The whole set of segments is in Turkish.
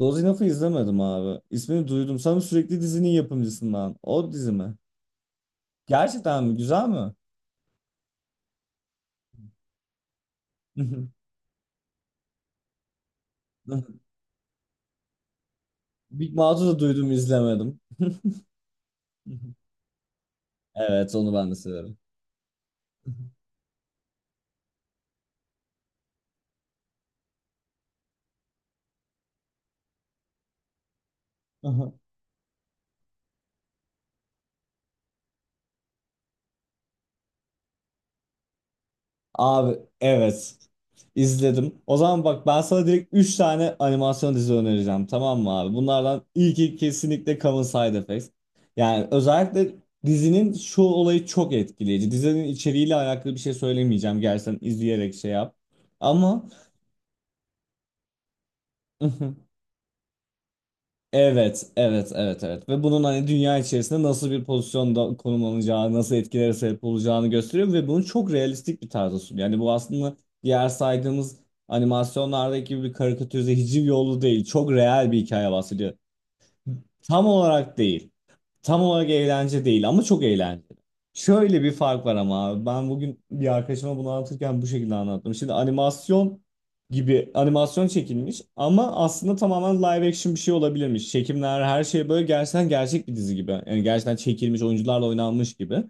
Dozin Off'u izlemedim abi. İsmini duydum. Sanırım sürekli dizinin yapımcısından. O dizi mi? Gerçekten mi? Güzel mi? Big Mouth'u da duydum, izlemedim. Evet, onu ben de severim. Abi evet. İzledim. O zaman bak, ben sana direkt 3 tane animasyon dizi önereceğim. Tamam mı abi? Bunlardan ilki kesinlikle Common Side Effects. Yani özellikle dizinin şu olayı çok etkileyici. Dizinin içeriğiyle alakalı bir şey söylemeyeceğim. Gerçekten izleyerek şey yap. Ama. Mhm. Evet, evet, evet, evet. Ve bunun hani dünya içerisinde nasıl bir pozisyonda konumlanacağı, nasıl etkilere sebep olacağını gösteriyor ve bunu çok realistik bir tarzda sunuyor. Yani bu aslında diğer saydığımız animasyonlardaki gibi bir karikatürize hiciv yolu değil. Çok real bir hikaye bahsediyor. Tam olarak değil. Tam olarak eğlence değil ama çok eğlenceli. Şöyle bir fark var ama abi. Ben bugün bir arkadaşıma bunu anlatırken bu şekilde anlattım. Şimdi animasyon gibi animasyon çekilmiş ama aslında tamamen live action bir şey olabilirmiş. Çekimler, her şey böyle gerçekten gerçek bir dizi gibi. Yani gerçekten çekilmiş, oyuncularla oynanmış gibi.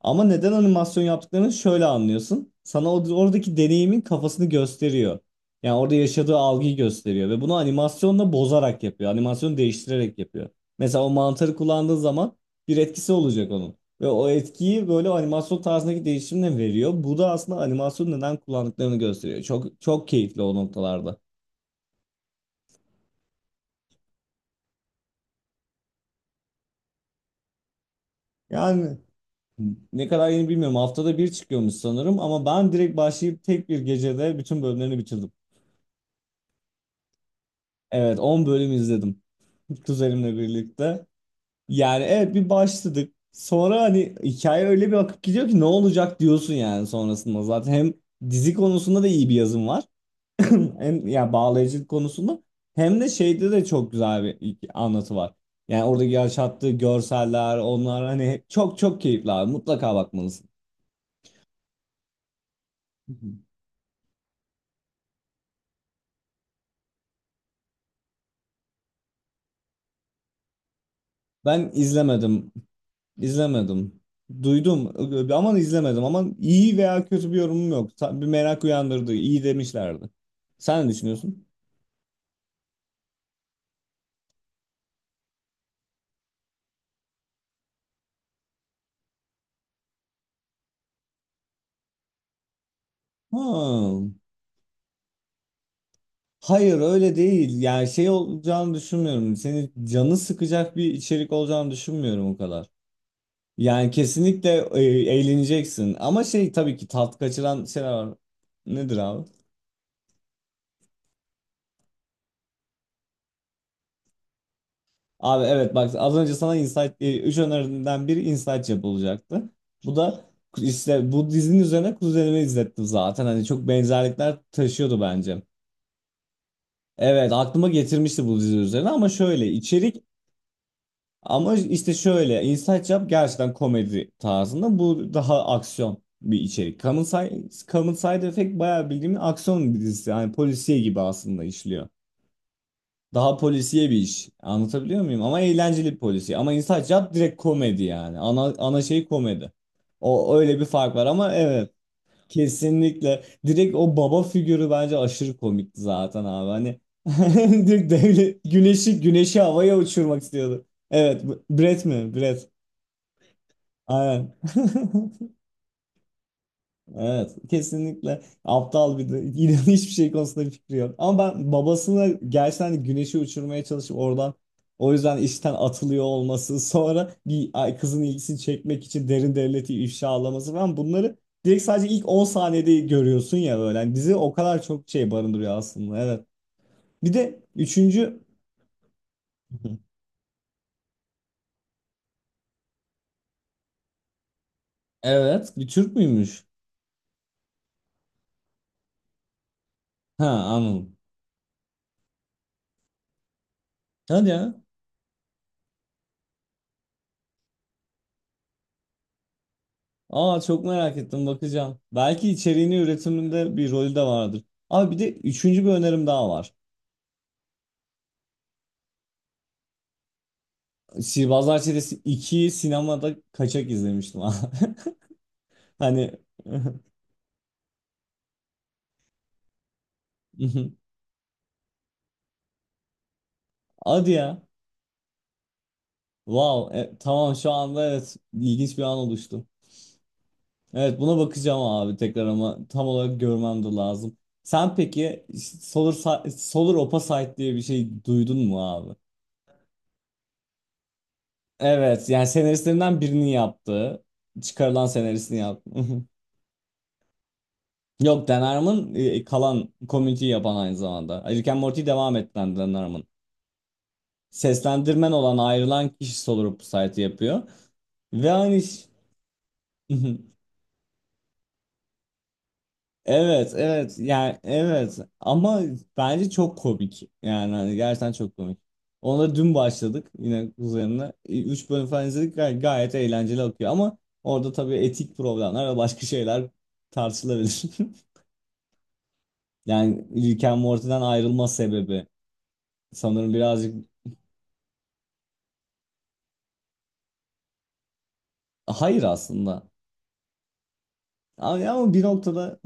Ama neden animasyon yaptıklarını şöyle anlıyorsun. Sana oradaki deneyimin kafasını gösteriyor. Yani orada yaşadığı algıyı gösteriyor ve bunu animasyonla bozarak yapıyor. Animasyonu değiştirerek yapıyor. Mesela o mantarı kullandığı zaman bir etkisi olacak onun. Ve o etkiyi böyle animasyon tarzındaki değişimle veriyor. Bu da aslında animasyon neden kullandıklarını gösteriyor. Çok çok keyifli o noktalarda. Yani ne kadar yeni bilmiyorum. Haftada bir çıkıyormuş sanırım ama ben direkt başlayıp tek bir gecede bütün bölümlerini bitirdim. Evet, 10 bölüm izledim kuzenimle birlikte. Yani evet, bir başladık. Sonra hani hikaye öyle bir akıp gidiyor ki ne olacak diyorsun yani sonrasında. Zaten hem dizi konusunda da iyi bir yazım var. Hem ya bağlayıcılık konusunda hem de şeyde de çok güzel bir anlatı var. Yani oradaki yaşattığı görseller, onlar hani çok çok keyifli abi. Mutlaka bakmalısın. Hı hı. Ben izlemedim. İzlemedim. Duydum ama izlemedim, ama iyi veya kötü bir yorumum yok. Bir merak uyandırdı. İyi demişlerdi. Sen ne düşünüyorsun? Ha. Hayır, öyle değil. Yani şey olacağını düşünmüyorum. Seni canı sıkacak bir içerik olacağını düşünmüyorum o kadar. Yani kesinlikle eğleneceksin. Ama şey, tabii ki tat kaçıran şeyler var. Nedir abi? Abi evet, bak az önce sana insight, üç öneriden biri insight yapılacaktı. Bu da işte bu dizinin üzerine kuzenimi izlettim zaten. Hani çok benzerlikler taşıyordu bence. Evet, aklıma getirmişti bu dizi üzerine ama şöyle içerik. Ama işte şöyle, Inside Job gerçekten komedi tarzında, bu daha aksiyon bir içerik. Common Side Effect bayağı bildiğim aksiyon bir dizisi. Yani polisiye gibi aslında işliyor. Daha polisiye bir iş. Anlatabiliyor muyum? Ama eğlenceli bir polisiye. Ama Inside Job direkt komedi yani. Ana şey komedi. O öyle bir fark var ama evet. Kesinlikle. Direkt o baba figürü bence aşırı komikti zaten abi. Hani direkt devlet güneşi havaya uçurmak istiyordu. Evet, Brett mi? Brett. Aynen. Evet, kesinlikle aptal bir de. İnan hiçbir şey konusunda bir fikri yok. Ama ben babasını gerçekten hani güneşi uçurmaya çalışıp oradan o yüzden işten atılıyor olması, sonra bir kızın ilgisini çekmek için derin devleti ifşalaması falan, bunları direkt sadece ilk 10 saniyede görüyorsun ya böyle. Yani dizi o kadar çok şey barındırıyor aslında. Evet. Bir de üçüncü. Evet, bir Türk müymüş? Ha, anladım. Hadi ya. Aa, çok merak ettim, bakacağım. Belki içeriğini üretiminde bir rolü de vardır. Abi bir de üçüncü bir önerim daha var. Sihirbazlar Çetesi 2'yi sinemada kaçak izlemiştim abi. Hani hadi ya. Wow. Tamam, şu anda evet ilginç bir an oluştu. Evet, buna bakacağım abi tekrar ama tam olarak görmem de lazım. Sen peki Solar Opposite diye bir şey duydun mu abi? Evet, yani senaristlerinden birinin yaptığı, çıkarılan senaristini yaptı. Yok, Dan Harmon kalan community'yi yapan aynı zamanda. Rick and Morty'yi devam ettiren Dan Harmon. Seslendirmen olan ayrılan kişi Solar Society yapıyor. Ve aynı Evet evet, yani evet ama bence çok komik yani, hani gerçekten çok komik. Ona dün başladık yine üzerine. Üç bölüm falan izledik, gayet eğlenceli akıyor ama orada tabii etik problemler ve başka şeyler tartışılabilir. Yani Rick and Morty'den ayrılma sebebi sanırım birazcık. Hayır aslında. Ama ama bir noktada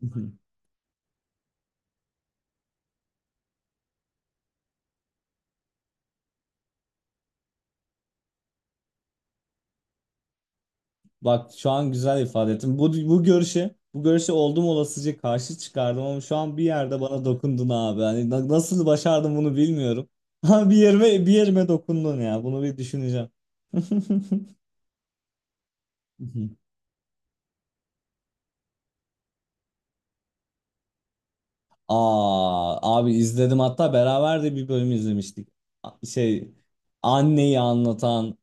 bak şu an güzel ifade ettim. Bu görüşe oldum olasıca karşı çıkardım ama şu an bir yerde bana dokundun abi. Hani nasıl başardım bunu bilmiyorum. Ha, bir yerime dokundun ya. Bunu bir düşüneceğim. Aa abi, izledim, hatta beraber de bir bölüm izlemiştik. Şey, anneyi anlatan.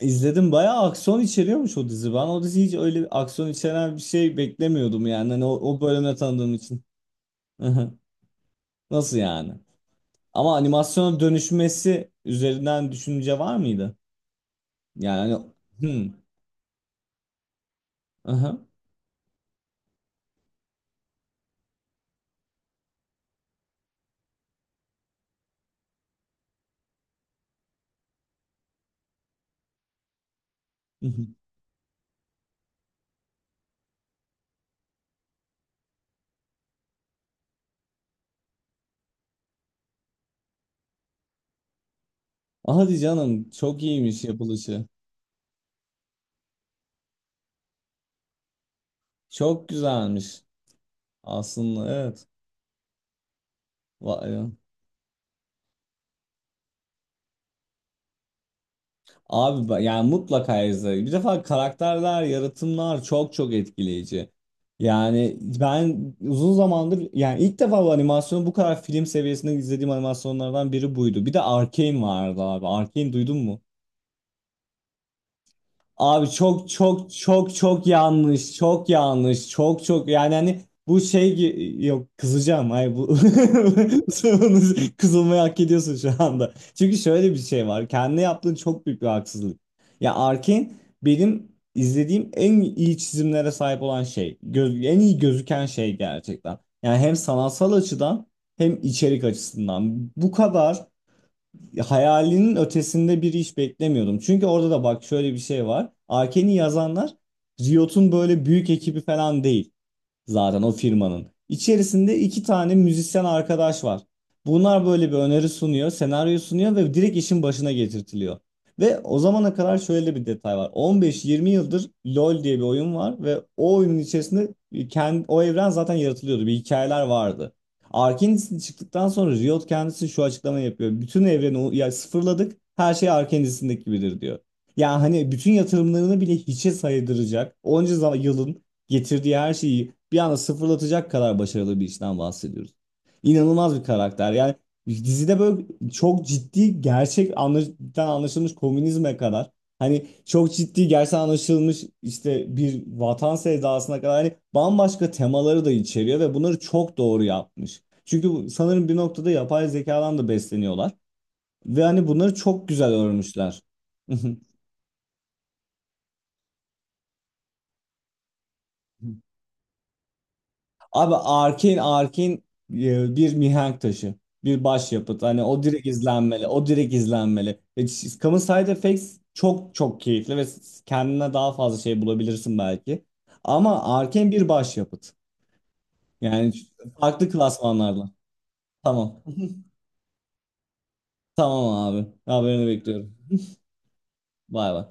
İzledim, bayağı aksiyon içeriyormuş o dizi. Ben o dizi hiç öyle bir aksiyon içeren bir şey beklemiyordum yani. Hani o bölümle tanıdığım için. Nasıl yani? Ama animasyona dönüşmesi üzerinden düşünce var mıydı? Yani hani... Hmm. Aha. Hadi canım, çok iyiymiş yapılışı. Çok güzelmiş aslında, evet. Vay. Abi yani mutlaka izle. Bir defa karakterler, yaratımlar çok çok etkileyici. Yani ben uzun zamandır, yani ilk defa bu animasyonu bu kadar film seviyesinde izlediğim animasyonlardan biri buydu. Bir de Arcane vardı abi. Arcane duydun mu? Abi çok çok çok çok yanlış. Çok yanlış. Çok çok yani hani bu şey yok, kızacağım. Hayır, bu kızılmayı hak ediyorsun şu anda. Çünkü şöyle bir şey var. Kendine yaptığın çok büyük bir haksızlık. Ya Arkin benim izlediğim en iyi çizimlere sahip olan şey. En iyi gözüken şey gerçekten. Yani hem sanatsal açıdan hem içerik açısından. Bu kadar hayalinin ötesinde bir iş beklemiyordum. Çünkü orada da bak şöyle bir şey var. Arken'i yazanlar Riot'un böyle büyük ekibi falan değil zaten, o firmanın. İçerisinde iki tane müzisyen arkadaş var. Bunlar böyle bir öneri sunuyor, senaryo sunuyor ve direkt işin başına getirtiliyor. Ve o zamana kadar şöyle bir detay var. 15-20 yıldır LoL diye bir oyun var ve o oyunun içerisinde kendi, o evren zaten yaratılıyordu. Bir hikayeler vardı. Arkane'in çıktıktan sonra Riot kendisi şu açıklamayı yapıyor. Bütün evreni ya sıfırladık. Her şey Arkane'sindeki gibidir diyor. Yani hani bütün yatırımlarını bile hiçe saydıracak, onca zaman yılın getirdiği her şeyi bir anda sıfırlatacak kadar başarılı bir işten bahsediyoruz. İnanılmaz bir karakter. Yani dizide böyle çok ciddi gerçek anlaşılmış komünizme kadar, hani çok ciddi gerçekten anlaşılmış işte bir vatan sevdasına kadar, hani bambaşka temaları da içeriyor ve bunları çok doğru yapmış. Çünkü sanırım bir noktada yapay zekadan da besleniyorlar ve hani bunları çok güzel örmüşler. Abi Arkane bir mihenk taşı. Bir başyapıt. Hani o direkt izlenmeli. O direkt izlenmeli. Common Side Effects çok çok keyifli ve kendine daha fazla şey bulabilirsin belki. Ama Arkane bir başyapıt. Yani farklı klasmanlarla. Tamam. Tamam abi. Haberini bekliyorum. Bay bay.